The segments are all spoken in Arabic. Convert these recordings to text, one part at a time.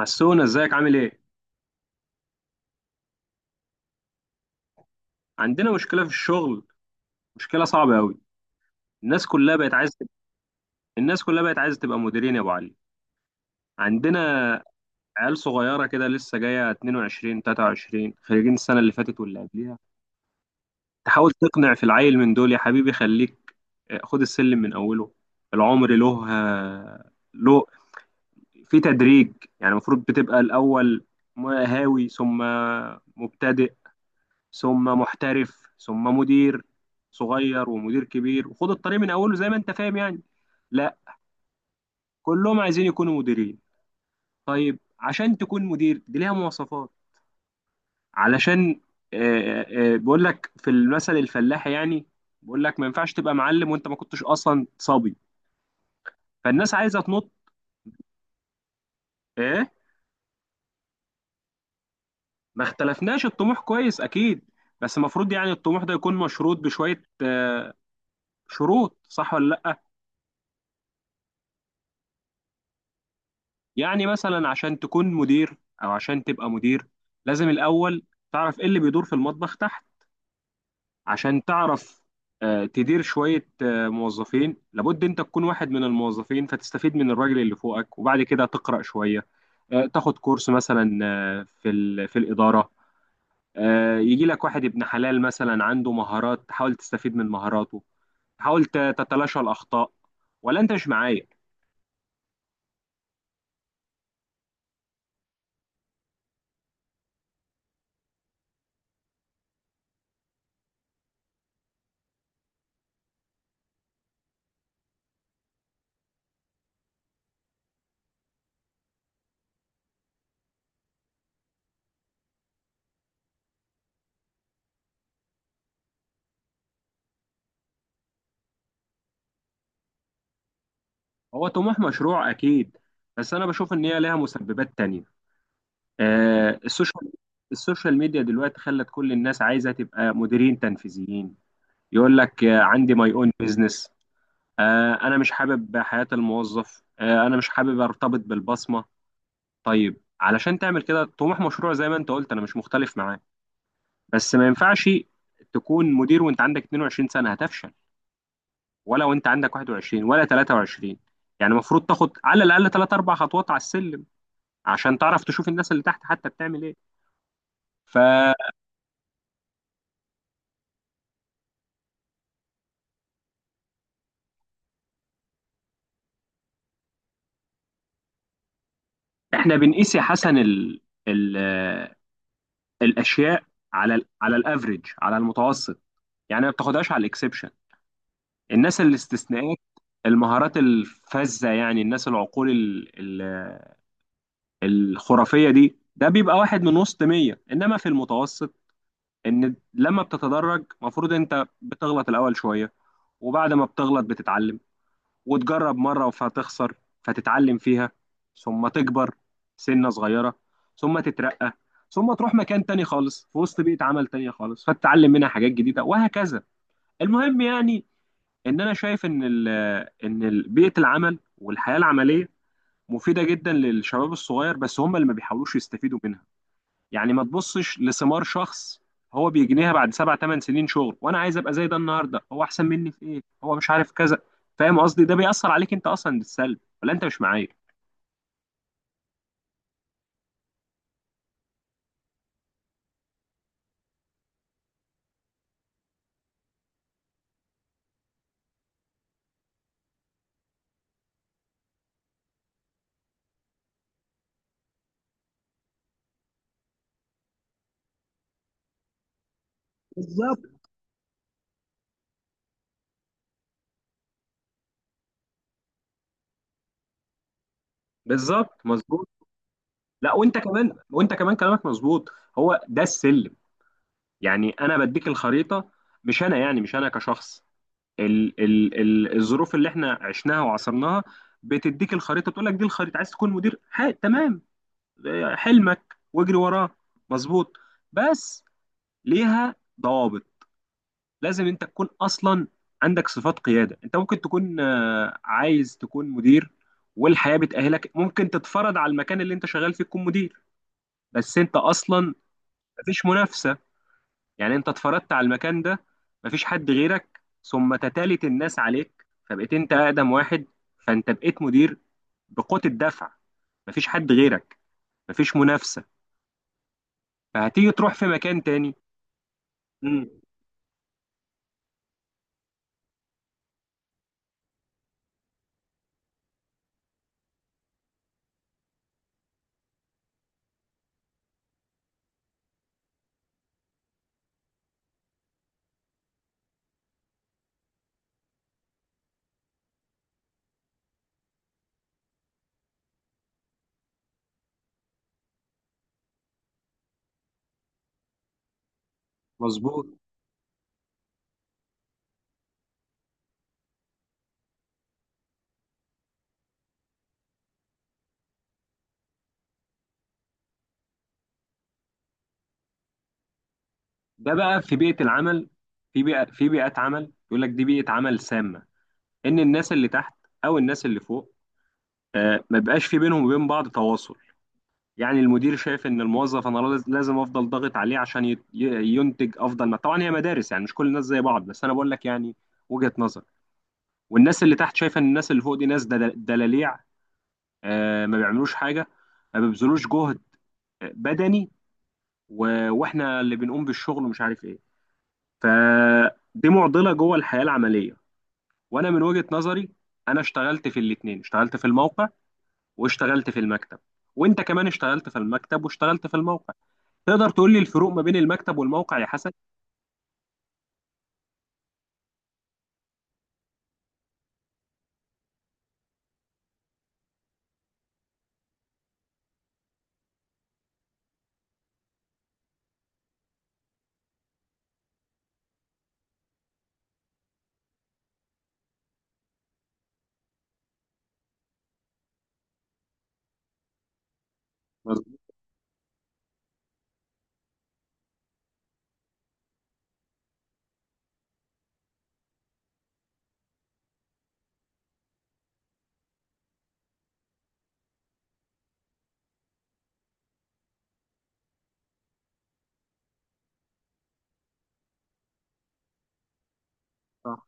حسونا ازيك عامل ايه؟ عندنا مشكله في الشغل، مشكله صعبه قوي. الناس كلها بقت عايزه تبقى، الناس كلها بقت عايزه تبقى مديرين يا ابو علي. عندنا عيال صغيره كده لسه جايه 22 23 خريجين السنه اللي فاتت واللي قبليها. تحاول تقنع في العيل من دول يا حبيبي خليك، خد السلم من اوله. العمر له، له في تدريج. يعني المفروض بتبقى الاول هاوي، ثم مبتدئ، ثم محترف، ثم مدير صغير ومدير كبير، وخد الطريق من اوله زي ما انت فاهم يعني. لا، كلهم عايزين يكونوا مديرين. طيب عشان تكون مدير دي ليها مواصفات، علشان آه، بقول لك في المثل الفلاحي يعني. بقول لك ما ينفعش تبقى معلم وانت ما كنتش اصلا صبي. فالناس عايزه تنط. ايه، ما اختلفناش الطموح كويس اكيد. بس المفروض يعني الطموح ده يكون مشروط بشويه شروط، صح ولا لا؟ يعني مثلا عشان تكون مدير او عشان تبقى مدير، لازم الاول تعرف ايه اللي بيدور في المطبخ تحت، عشان تعرف تدير شوية موظفين. لابد انت تكون واحد من الموظفين، فتستفيد من الراجل اللي فوقك، وبعد كده تقرأ شوية، تاخد كورس مثلا في الإدارة. يجي لك واحد ابن حلال مثلا عنده مهارات، تحاول تستفيد من مهاراته. حاول تتلاشى الأخطاء. ولا انت مش معايا؟ هو طموح مشروع أكيد، بس أنا بشوف إن هي لها مسببات تانية. السوشيال، السوشيال ميديا دلوقتي خلت كل الناس عايزه تبقى مديرين تنفيذيين. يقول لك عندي ماي اون بزنس، انا مش حابب حياه الموظف، انا مش حابب ارتبط بالبصمه. طيب علشان تعمل كده طموح مشروع زي ما انت قلت، انا مش مختلف معاه، بس ما ينفعش تكون مدير وانت عندك 22 سنه، هتفشل. ولا وانت عندك 21 ولا 23. يعني المفروض تاخد على الاقل 3 4 خطوات على السلم، عشان تعرف تشوف الناس اللي تحت حتى بتعمل ايه. ف احنا بنقيس يا حسن ال ال آه، الاشياء على ال على الافريج، على المتوسط. يعني ما بتاخدهاش على الاكسبشن، الناس الاستثناءات، المهارات الفذة، يعني الناس العقول ال ال آه، الخرافية دي، ده بيبقى واحد من وسط 100. انما في المتوسط، ان لما بتتدرج المفروض انت بتغلط الاول شوية، وبعد ما بتغلط بتتعلم، وتجرب مرة فهتخسر فتتعلم فيها، ثم تكبر سنة صغيرة، ثم تترقى، ثم تروح مكان تاني خالص في وسط بيئة عمل تانية خالص، فتتعلم منها حاجات جديدة، وهكذا. المهم يعني، ان انا شايف ان بيئة العمل والحياة العملية مفيدة جدا للشباب الصغير، بس هم اللي ما بيحاولوش يستفيدوا منها. يعني ما تبصش لثمار شخص هو بيجنيها بعد سبع ثمان سنين شغل، وانا عايز ابقى زي ده النهارده. هو احسن مني في ايه؟ هو مش عارف كذا. فاهم قصدي؟ ده بيأثر عليك انت اصلا بالسلب، ولا انت مش معايا؟ بالظبط. بالظبط مظبوط. لا وانت كمان، وانت كمان كلامك مظبوط. هو ده السلم، يعني انا بديك الخريطه، مش انا يعني، مش انا كشخص، ال ال ال الظروف اللي احنا عشناها وعصرناها بتديك الخريطه، تقول لك دي الخريطه. عايز تكون مدير؟ تمام، اه، حلمك واجري وراه، مظبوط، بس ليها ضوابط. لازم انت تكون اصلا عندك صفات قياده. انت ممكن تكون عايز تكون مدير، والحياه بتاهلك، ممكن تتفرض على المكان اللي انت شغال فيه تكون مدير، بس انت اصلا مفيش منافسه. يعني انت اتفرضت على المكان ده، مفيش حد غيرك، ثم تتالت الناس عليك فبقيت انت اقدم واحد، فانت بقيت مدير بقوه الدفع، مفيش حد غيرك، مفيش منافسه. فهتيجي تروح في مكان تاني. مم. مظبوط. ده بقى في بيئة العمل، في بيئة في بيئات عمل، يقول لك دي بيئة عمل سامة. إن الناس اللي تحت أو الناس اللي فوق ما بيبقاش في بينهم وبين بعض تواصل. يعني المدير شايف إن الموظف، أنا لازم أفضل ضاغط عليه عشان ينتج أفضل ما. طبعا هي مدارس يعني، مش كل الناس زي بعض، بس أنا بقول لك يعني وجهة نظر. والناس اللي تحت شايفة إن الناس اللي فوق دي ناس دلاليع، ما بيعملوش حاجة، ما بيبذلوش جهد بدني، وإحنا اللي بنقوم بالشغل، ومش عارف إيه. فدي معضلة جوه الحياة العملية. وانا من وجهة نظري، انا اشتغلت في الاتنين، اشتغلت في الموقع واشتغلت في المكتب، وانت كمان اشتغلت في المكتب واشتغلت في الموقع. تقدر تقول لي الفروق ما بين المكتب والموقع يا حسن؟ مظبوط. صح.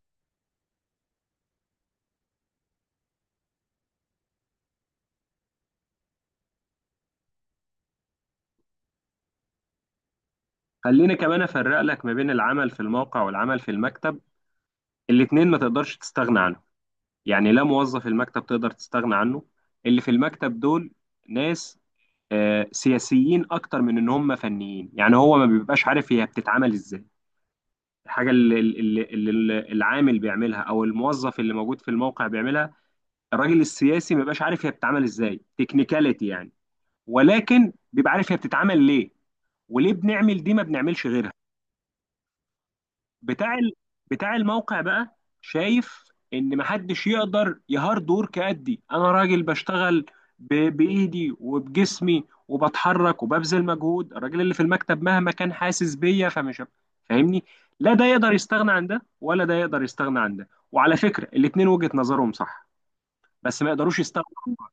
خليني كمان افرق لك ما بين العمل في الموقع والعمل في المكتب. الاتنين ما تقدرش تستغنى عنهم. يعني لا موظف المكتب تقدر تستغنى عنه. اللي في المكتب دول ناس سياسيين اكتر من ان هم فنيين. يعني هو ما بيبقاش عارف هي بتتعمل ازاي الحاجه اللي العامل بيعملها او الموظف اللي موجود في الموقع بيعملها. الراجل السياسي ما بيبقاش عارف هي بتتعمل ازاي تكنيكاليتي يعني، ولكن بيبقى عارف هي بتتعمل ليه، وليه بنعمل دي ما بنعملش غيرها. بتاع ال... بتاع الموقع بقى شايف ان محدش يقدر يهارد ورك قدي. انا راجل بشتغل ب... بايدي وبجسمي وبتحرك وببذل مجهود، الراجل اللي في المكتب مهما كان حاسس بيا فمش فاهمني. لا ده يقدر يستغنى عن ده، ولا ده يقدر يستغنى عن ده، وعلى فكرة الاتنين وجهة نظرهم صح، بس ما يقدروش يستغنوا عن بعض.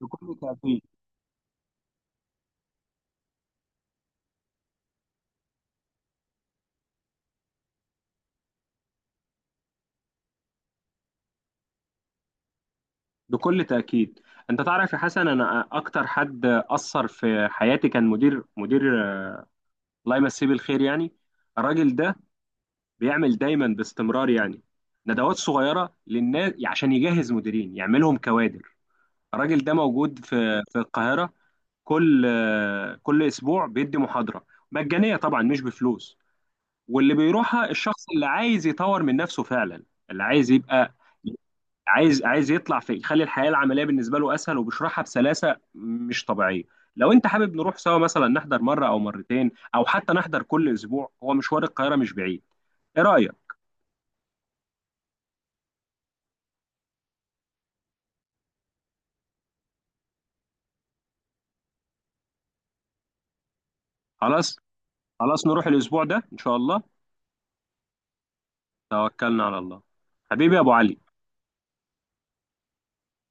بكل تأكيد. بكل تأكيد. انت تعرف يا حسن انا اكتر حد اثر في حياتي كان مدير، الله يمسيه بالخير يعني. الراجل ده بيعمل دايما باستمرار يعني ندوات صغيره للناس عشان يجهز مديرين، يعملهم كوادر. الراجل ده موجود في القاهره. كل كل اسبوع بيدي محاضره مجانيه طبعا، مش بفلوس. واللي بيروحها الشخص اللي عايز يطور من نفسه فعلا، اللي عايز يبقى، عايز يطلع، في يخلي الحياه العمليه بالنسبه له اسهل. وبيشرحها بسلاسه مش طبيعيه. لو انت حابب نروح سوا مثلا نحضر مره او مرتين، او حتى نحضر كل اسبوع، هو مشوار القاهره مش بعيد. ايه رايك؟ خلاص، خلاص نروح الاسبوع ده ان شاء الله. توكلنا على الله. حبيبي يا ابو علي.